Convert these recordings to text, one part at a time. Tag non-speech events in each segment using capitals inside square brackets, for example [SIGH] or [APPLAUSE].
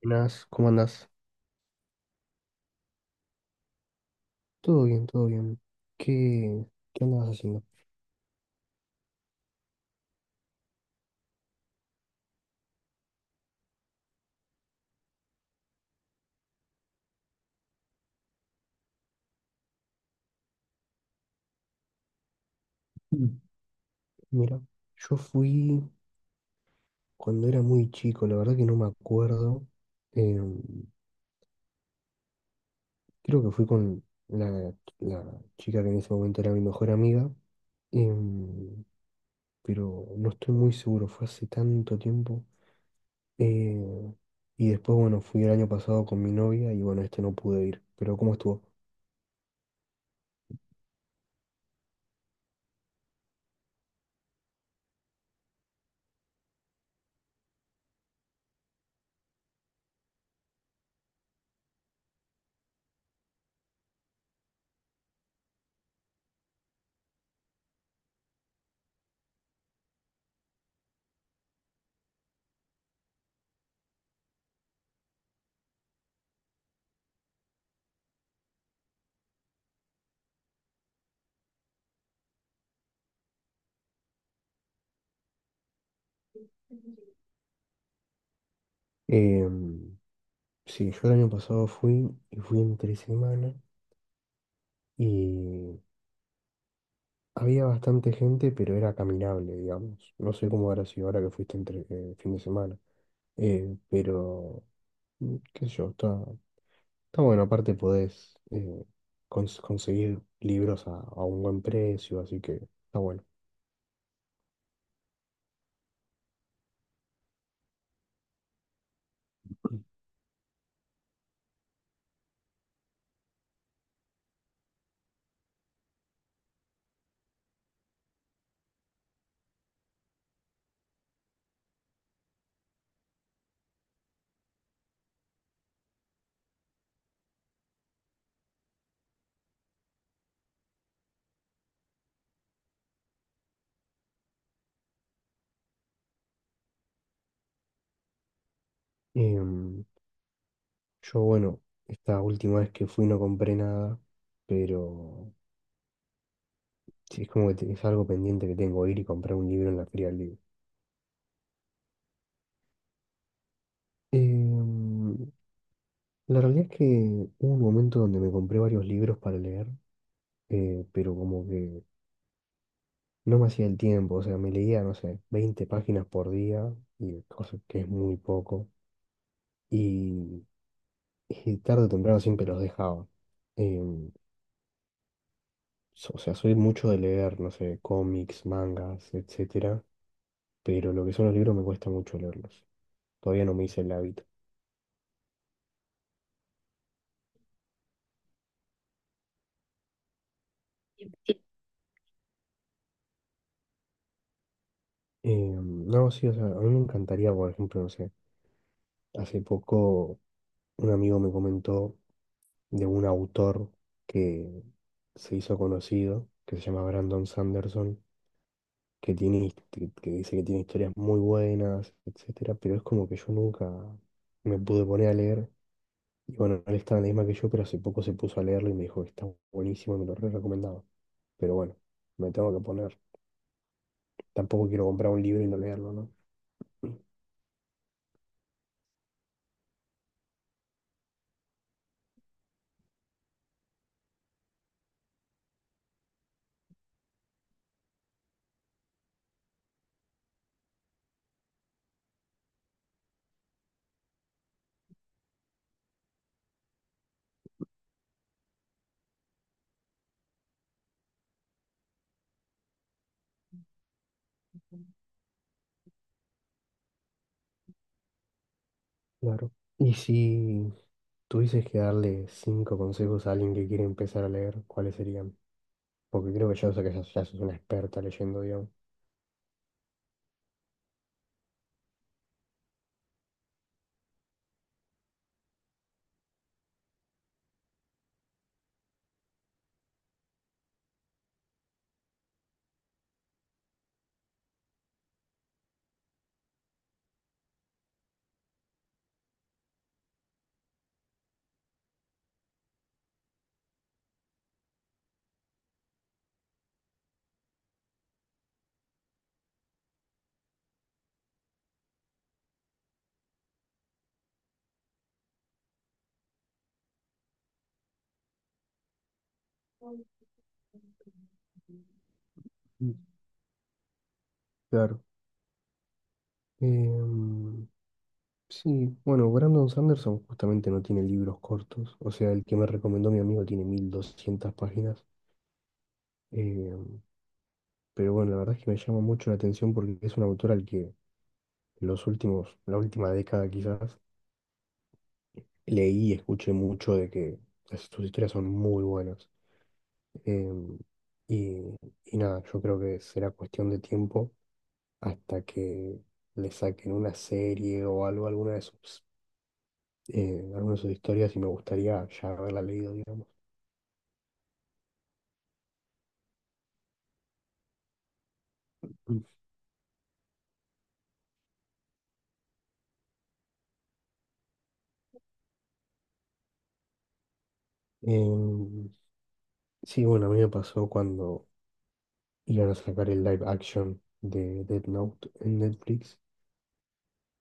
Buenas, ¿cómo andas? Todo bien, todo bien. ¿Qué, qué andabas haciendo? Mm. Mira, yo fui cuando era muy chico, la verdad que no me acuerdo. eh, Creo que fui con la, la chica que en ese momento era mi mejor amiga, eh, pero no estoy muy seguro, fue hace tanto tiempo. eh, y después, bueno, fui el año pasado con mi novia y bueno, este no pude ir, pero ¿cómo estuvo? Eh, sí, yo el año pasado fui y fui entre semana. Y había bastante gente, pero era caminable, digamos. No sé cómo habrá sido ahora que fuiste entre fin de semana. Pero qué sé yo, está bueno. Aparte podés conseguir libros a un buen precio, así que está bueno. Em, yo, bueno, esta última vez que fui no compré nada, pero sí, es como que es algo pendiente que tengo, ir y comprar un libro en la Feria del Libro. Em, La realidad es que hubo un momento donde me compré varios libros para leer, pero como que no me hacía el tiempo, o sea, me leía, no sé, 20 páginas por día, y cosa que es muy poco, y, y tarde o temprano siempre los dejaba. Em, o sea, soy mucho de leer, no sé, cómics, mangas, etcétera, pero lo que son los libros me cuesta mucho leerlos. Todavía no me hice el hábito. No, sí, o sea, a mí me encantaría, por ejemplo, no sé, hace poco un amigo me comentó de un autor que se hizo conocido, que se llama Brandon Sanderson, que que dice que tiene historias muy buenas, etcétera, pero es como que yo nunca me pude poner a leer. Y bueno, él estaba en la misma que yo, pero hace poco se puso a leerlo y me dijo que está buenísimo y me lo re recomendaba. Pero bueno, me tengo que poner. Tampoco quiero comprar un libro y no leerlo, ¿no? Claro. Y si tuvieses que darle 5 consejos a alguien que quiere empezar a leer, ¿cuáles serían? Porque creo que ya, o sea, ya sos una experta leyendo, digamos. Mm. Claro. Em, sí, bueno, Brandon Sanderson justamente no tiene libros cortos, o sea, el que me recomendó mi amigo tiene 1.200 páginas. Em, pero bueno, la verdad es que me llama mucho la atención porque es un autor al que en la última década quizás, leí y escuché mucho de que sus historias son muy buenas. Em, y, y nada, yo creo que será cuestión de tiempo hasta que le saquen una serie o algo, alguna de sus historias y me gustaría ya haberla leído, digamos. Mm. Em, sí, bueno, a mí me pasó cuando iban a sacar el live action de Death Note en Netflix.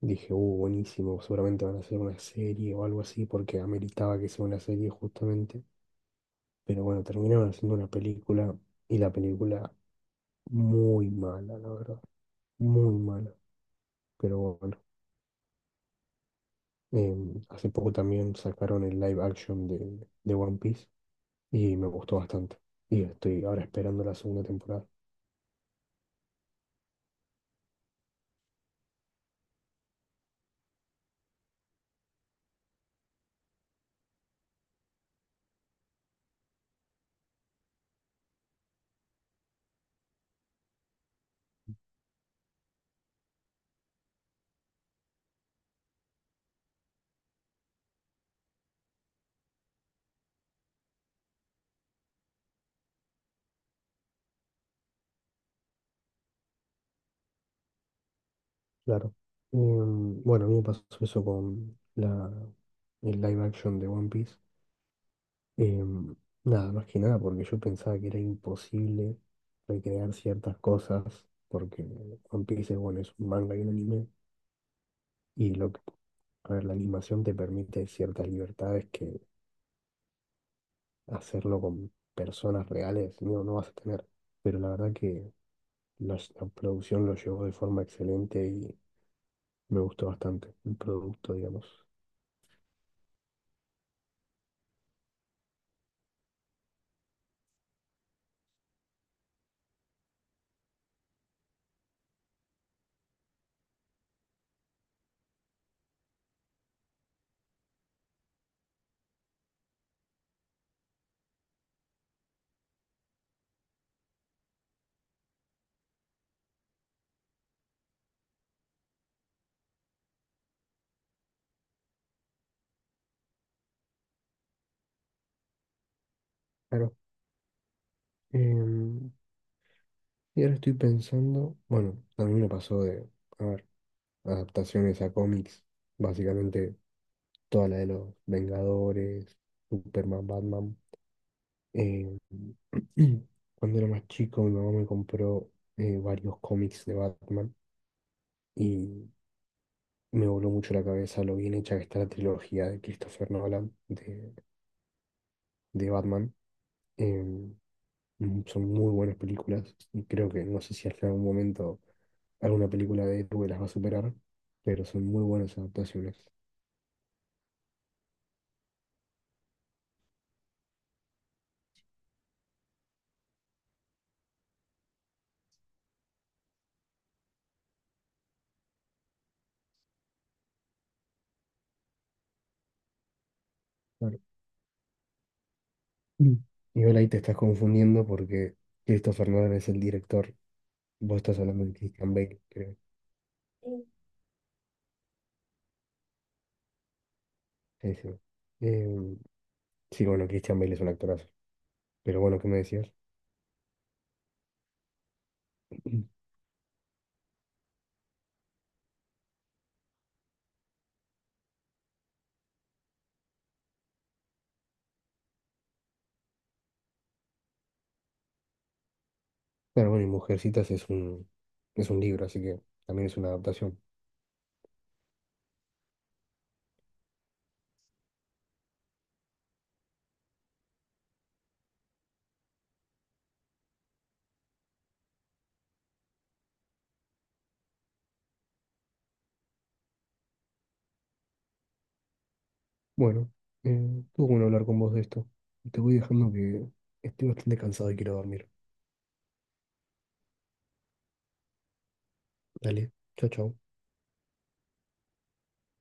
Dije, buenísimo, seguramente van a hacer una serie o algo así, porque ameritaba que sea una serie justamente. Pero bueno, terminaron haciendo una película y la película muy mala, la verdad, muy mala. Pero bueno. Hace poco también sacaron el live action de One Piece y me gustó bastante. Y estoy ahora esperando la segunda temporada, claro. Bueno, a mí me pasó eso con el live action de One Piece. Em, Nada, más que nada porque yo pensaba que era imposible recrear ciertas cosas porque One Piece es, bueno, es un manga y un anime. Y lo que, a ver, la animación te permite ciertas libertades que hacerlo con personas reales, no vas a tener. Pero la verdad que la producción lo llevó de forma excelente y me gustó bastante el producto, digamos. Claro. em, y ahora estoy pensando, bueno, a mí me pasó de, a ver, adaptaciones a cómics, básicamente toda la de los Vengadores, Superman, Batman. em, [CLEARS THROAT] Cuando era más chico, mi mamá me compró varios cómics de Batman. Y me voló mucho la cabeza lo bien hecha que está la trilogía de Christopher Nolan, de Batman. Em, Son muy buenas películas y creo que no sé si hasta algún momento alguna película de héroe las va a superar, pero son muy buenas adaptaciones. Claro. Mm. Igual ahí te estás confundiendo porque Christopher Nolan es el director. Vos estás hablando de Christian Bale, creo. Sí, sí. Em, sí, bueno, Christian Bale es un actorazo. Pero bueno, ¿qué me decías? Claro, bueno, y Mujercitas es un libro, así que también es una adaptación. Bueno, estuvo bueno hablar con vos de esto. Te voy dejando que estoy bastante cansado y quiero dormir. Dale, chao, chao.